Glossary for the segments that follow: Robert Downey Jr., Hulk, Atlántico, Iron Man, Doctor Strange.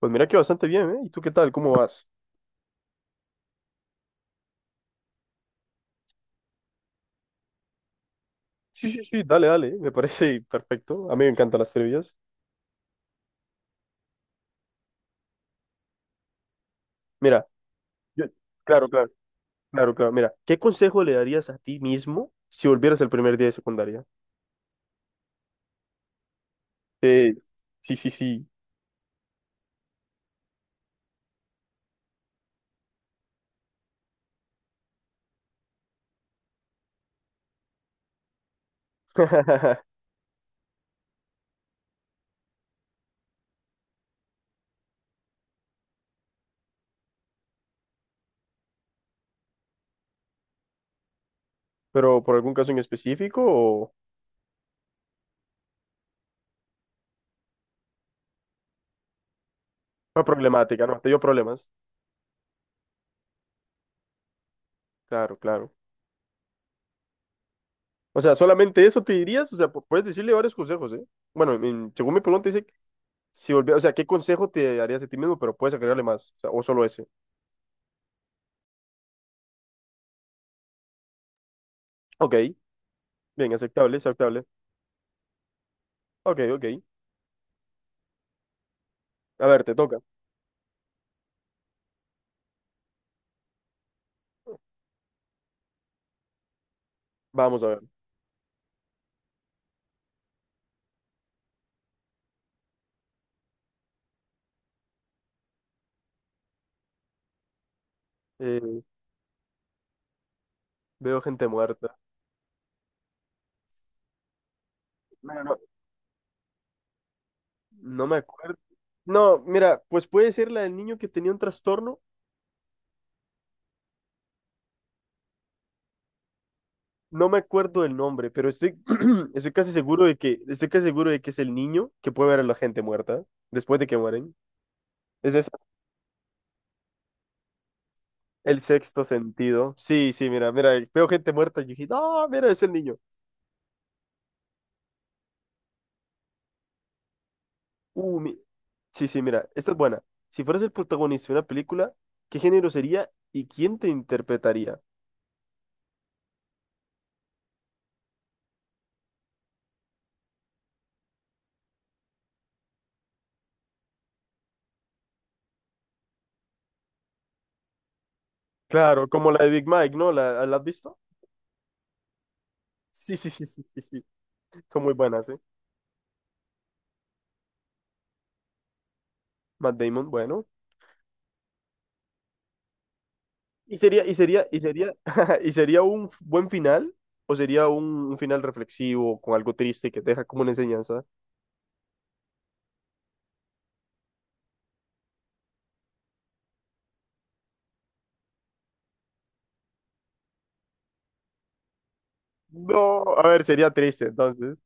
Pues mira que bastante bien, ¿eh? ¿Y tú qué tal? ¿Cómo vas? Sí, sí, sí, dale, dale, me parece perfecto. A mí me encantan las trivias. Mira, yo- claro, claro, claro, claro. Mira, ¿qué consejo le darías a ti mismo si volvieras el primer día de secundaria? Eh, sí, sí, sí. Pero por algún caso en específico o una problemática, ¿no? Te dio problemas. Claro, claro. O sea, solamente eso te dirías, o sea, puedes decirle varios consejos, ¿eh? Bueno, según mi pregunta dice, si volvieras, o sea, ¿qué consejo te darías a ti mismo? Pero puedes agregarle más, o sea, o solo ese. Ok. Bien, aceptable, aceptable. Ok, ok. A ver, te toca. Vamos a ver. Eh, veo gente muerta. No, no, no me acuerdo. No, mira, pues puede ser la del niño que tenía un trastorno. No me acuerdo del nombre, pero estoy, estoy casi seguro de estoy casi seguro de que es el niño que puede ver a la gente muerta después de que mueren. Es esa, el sexto sentido. Sí, sí, mira, mira, veo gente muerta y yo dije, no, mira, es el niño. Uh, mi- Sí, sí, mira, esta es buena. Si fueras el protagonista de una película, ¿qué género sería y quién te interpretaría? Claro, como la de Big Mike, ¿no? La has visto? Sí, sí, sí, sí, sí, sí. Son muy buenas, ¿eh? Matt Damon, bueno. ¿Y sería, y sería un buen final? ¿O sería un final reflexivo con algo triste que te deja como una enseñanza? No, a ver, sería triste, entonces.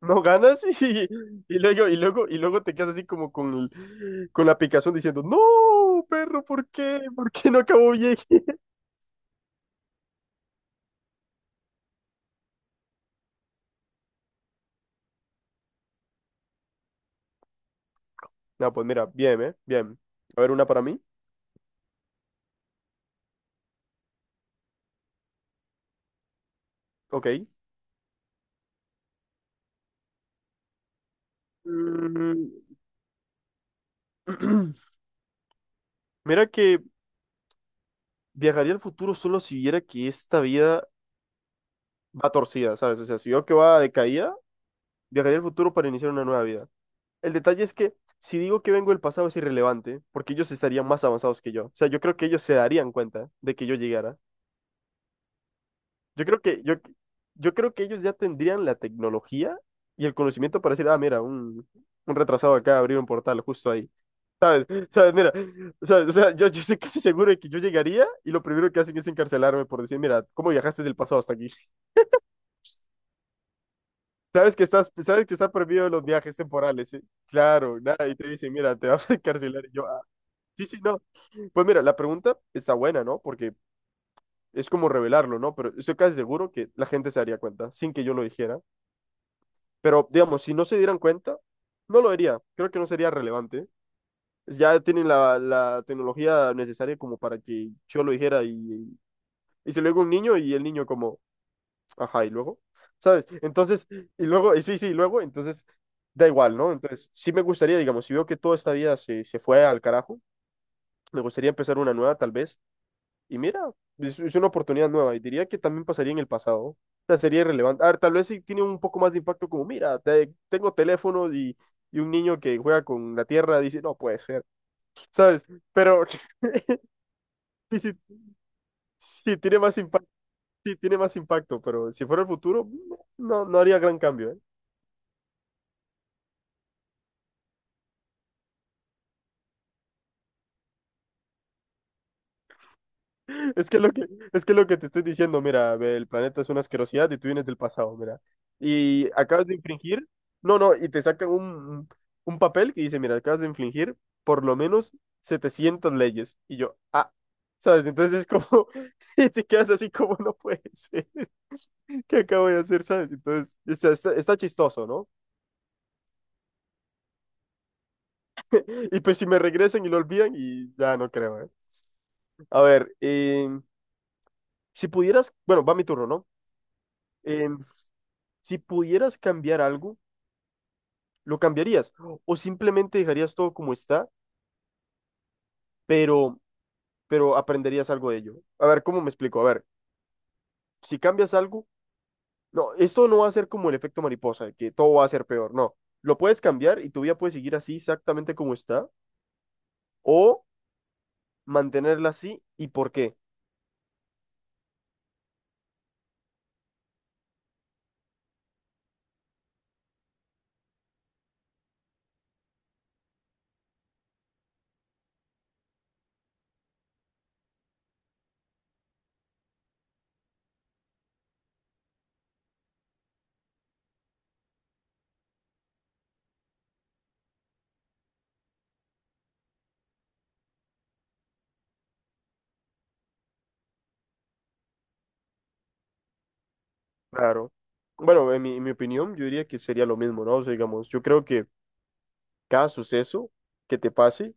No ganas y, y luego te quedas así como con, con la picazón diciendo, no, perro, ¿por qué? ¿Por qué no acabó bien? No, pues mira, bien, ¿eh? Bien. A ver, una para mí. Ok. Mm, Mira que viajaría al futuro solo si viera que esta vida va torcida, ¿sabes? O sea, si veo que va de caída, viajaría al futuro para iniciar una nueva vida. El detalle es que si digo que vengo del pasado es irrelevante, porque ellos estarían más avanzados que yo. O sea, yo creo que ellos se darían cuenta de que yo llegara. Yo creo que, yo, yo creo que ellos ya tendrían la tecnología y el conocimiento para decir, ah, mira, un retrasado acá abrió un portal justo ahí. ¿Sabes? Mira, ¿sabes? O sea, yo estoy casi seguro de que yo llegaría y lo primero que hacen es encarcelarme por decir, mira, ¿cómo viajaste del pasado hasta aquí? Sabes que está prohibido los viajes temporales, ¿sí? Claro, nada, y te dicen, mira, te vamos a encarcelar. Y yo, ah, sí, sí, no. Pues mira, la pregunta está buena, ¿no? Porque es como revelarlo, ¿no? Pero estoy casi seguro que la gente se daría cuenta sin que yo lo dijera. Pero, digamos, si no se dieran cuenta, no lo haría. Creo que no sería relevante. Ya tienen la tecnología necesaria como para que yo lo dijera y se lo digo a un niño y el niño como, ajá, y luego, ¿sabes? Entonces, y luego, y sí, sí, y luego, entonces, da igual, ¿no? Entonces, sí me gustaría, digamos, si veo que toda esta vida se fue al carajo, me gustaría empezar una nueva tal vez. Y mira, es una oportunidad nueva y diría que también pasaría en el pasado. O sea, sería irrelevante. A ver, tal vez sí tiene un poco más de impacto como, mira, tengo teléfono y un niño que juega con la tierra dice, no puede ser, ¿sabes? Pero sí, sí, sí, sí, tiene más impacto, pero si fuera el futuro, no, no haría gran cambio, ¿eh? Es que lo que, es que lo que te estoy diciendo, mira, ve, el planeta es una asquerosidad y tú vienes del pasado, mira. Y acabas de infringir, no, no, y te sacan un papel que dice, mira, acabas de infringir por lo menos 700 leyes. Y yo, ah, ¿sabes? Entonces es como, y te quedas así como, no puede ser, ¿qué acabo de hacer, sabes? Entonces, está chistoso, ¿no? Y pues si me regresan y lo olvidan, y ya no creo, ¿eh? A ver, si pudieras, bueno, va mi turno, ¿no? Em, si pudieras cambiar algo, ¿lo cambiarías? ¿O simplemente dejarías todo como está, pero, pero aprenderías algo de ello? A ver, ¿cómo me explico? A ver, si cambias algo, no, esto no va a ser como el efecto mariposa, de que todo va a ser peor, no. Lo puedes cambiar y tu vida puede seguir así exactamente como está, o mantenerla así y por qué. Claro. Bueno, en mi opinión, yo diría que sería lo mismo, ¿no? O sea, digamos, yo creo que cada suceso que te pase,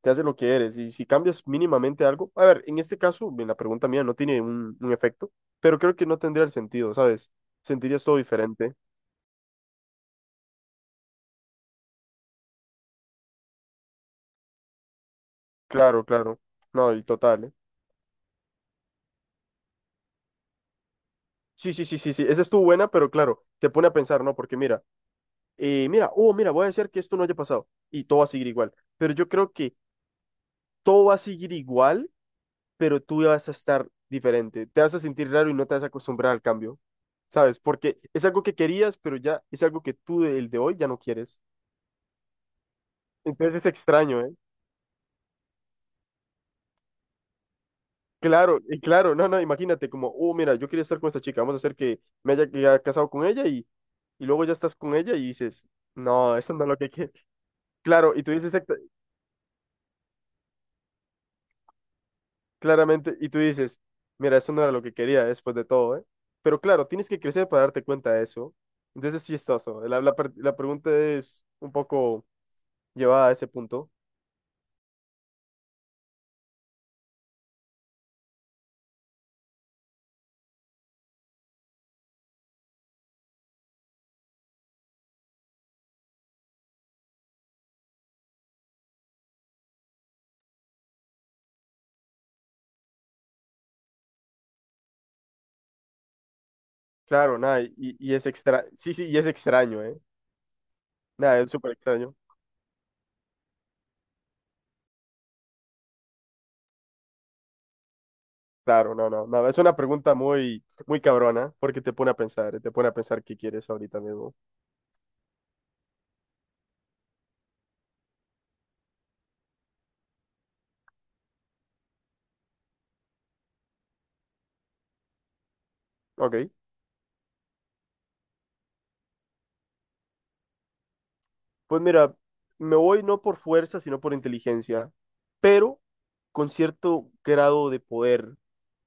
te hace lo que eres. Y si cambias mínimamente algo, a ver, en este caso, en la pregunta mía no tiene un efecto, pero creo que no tendría el sentido, ¿sabes? Sentirías todo diferente. Claro, claro. No, y total, ¿eh? Sí, sí, sí, sí, sí. Esa estuvo buena, pero claro, te pone a pensar, ¿no? Porque mira, mira, oh, mira, voy a hacer que esto no haya pasado y todo va a seguir igual. Pero yo creo que todo va a seguir igual, pero tú vas a estar diferente. Te vas a sentir raro y no te vas a acostumbrar al cambio, ¿sabes? Porque es algo que querías, pero ya es algo que tú, el de hoy, ya no quieres. Entonces es extraño, ¿eh? Claro, no, no, imagínate como, oh, mira, yo quería estar con esta chica, vamos a hacer que me haya, que haya casado con ella y luego ya estás con ella y dices, no, eso no es lo que quería. Claro, claramente, y tú dices, mira, eso no era lo que quería después de todo, ¿eh? Pero claro, tienes que crecer para darte cuenta de eso. Entonces sí es chistoso. La pregunta es un poco llevada a ese punto. Claro, nada, y es extra, sí, sí, y es extraño, ¿eh? Nada, es súper extraño. Claro, no, no, no. Es una pregunta muy, muy cabrona, porque te pone a pensar, te pone a pensar qué quieres ahorita mismo. Ok. Pues mira, me voy no por fuerza, sino por inteligencia, pero con cierto grado de poder.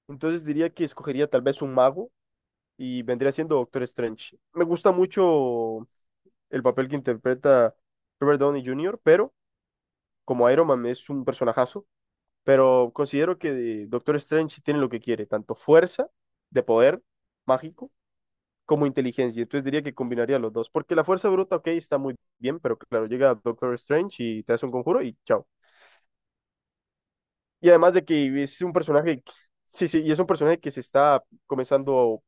Entonces diría que escogería tal vez un mago y vendría siendo Doctor Strange. Me gusta mucho el papel que interpreta Robert Downey Jr., pero como Iron Man es un personajazo, pero considero que Doctor Strange tiene lo que quiere, tanto fuerza de poder mágico como inteligencia. Entonces diría que combinaría los dos, porque la fuerza bruta, ok, está muy bien, pero claro, llega Doctor Strange y te hace un conjuro y chao. Y además de que es un personaje, sí, sí, y es un personaje que se está comenzando,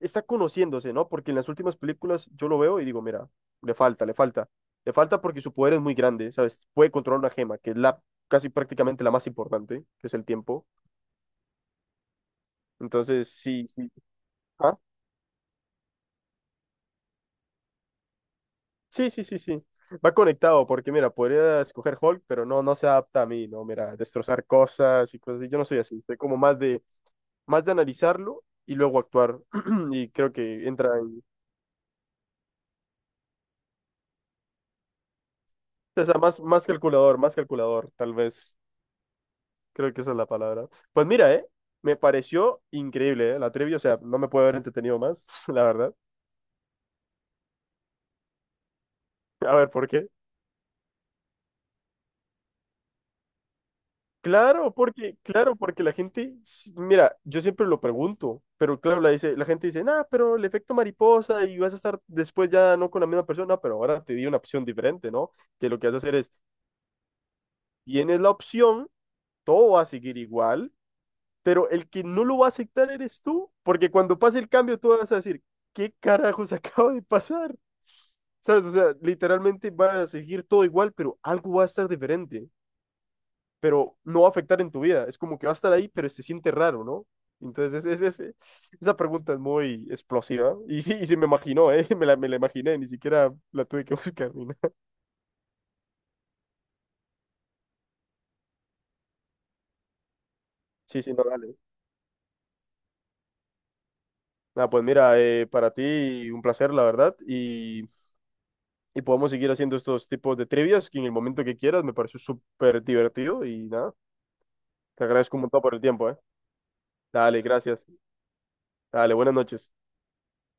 está conociéndose, ¿no? Porque en las últimas películas yo lo veo y digo, mira, le falta, le falta. Le falta porque su poder es muy grande, ¿sabes? Puede controlar una gema, que es la casi prácticamente la más importante, que es el tiempo. Entonces, sí, sí. ¿Ah? Sí, sí, sí, sí. Va conectado, porque mira, podría escoger Hulk, pero no, no se adapta a mí, ¿no? Mira, destrozar cosas y cosas así. Yo no soy así. Soy como más de analizarlo y luego actuar. Y creo que entra en, o sea, más, más calculador, tal vez. Creo que esa es la palabra. Pues mira, ¿eh? Me pareció increíble, ¿eh? La trivia, o sea, no me puedo haber entretenido más, la verdad. A ver, ¿por qué? Claro, porque la gente, mira, yo siempre lo pregunto, pero claro, la gente dice, nah, pero el efecto mariposa y vas a estar después ya no con la misma persona, pero ahora te di una opción diferente, ¿no? Que lo que vas a hacer es, tienes la opción, todo va a seguir igual, pero el que no lo va a aceptar eres tú, porque cuando pase el cambio tú vas a decir, ¿qué carajos acaba de pasar? ¿Sabes? O sea, literalmente va a seguir todo igual, pero algo va a estar diferente. Pero no va a afectar en tu vida. Es como que va a estar ahí, pero se siente raro, ¿no? Entonces, esa pregunta es muy explosiva. Y sí me imaginó, ¿eh? Me la imaginé, ni siquiera la tuve que buscar. Ni nada. Sí, sí, no, dale. Nada, pues mira, para ti un placer, la verdad. Y podemos seguir haciendo estos tipos de trivias que en el momento que quieras me pareció súper divertido. Y nada, te agradezco un montón por el tiempo, ¿eh? Dale, gracias. Dale, buenas noches.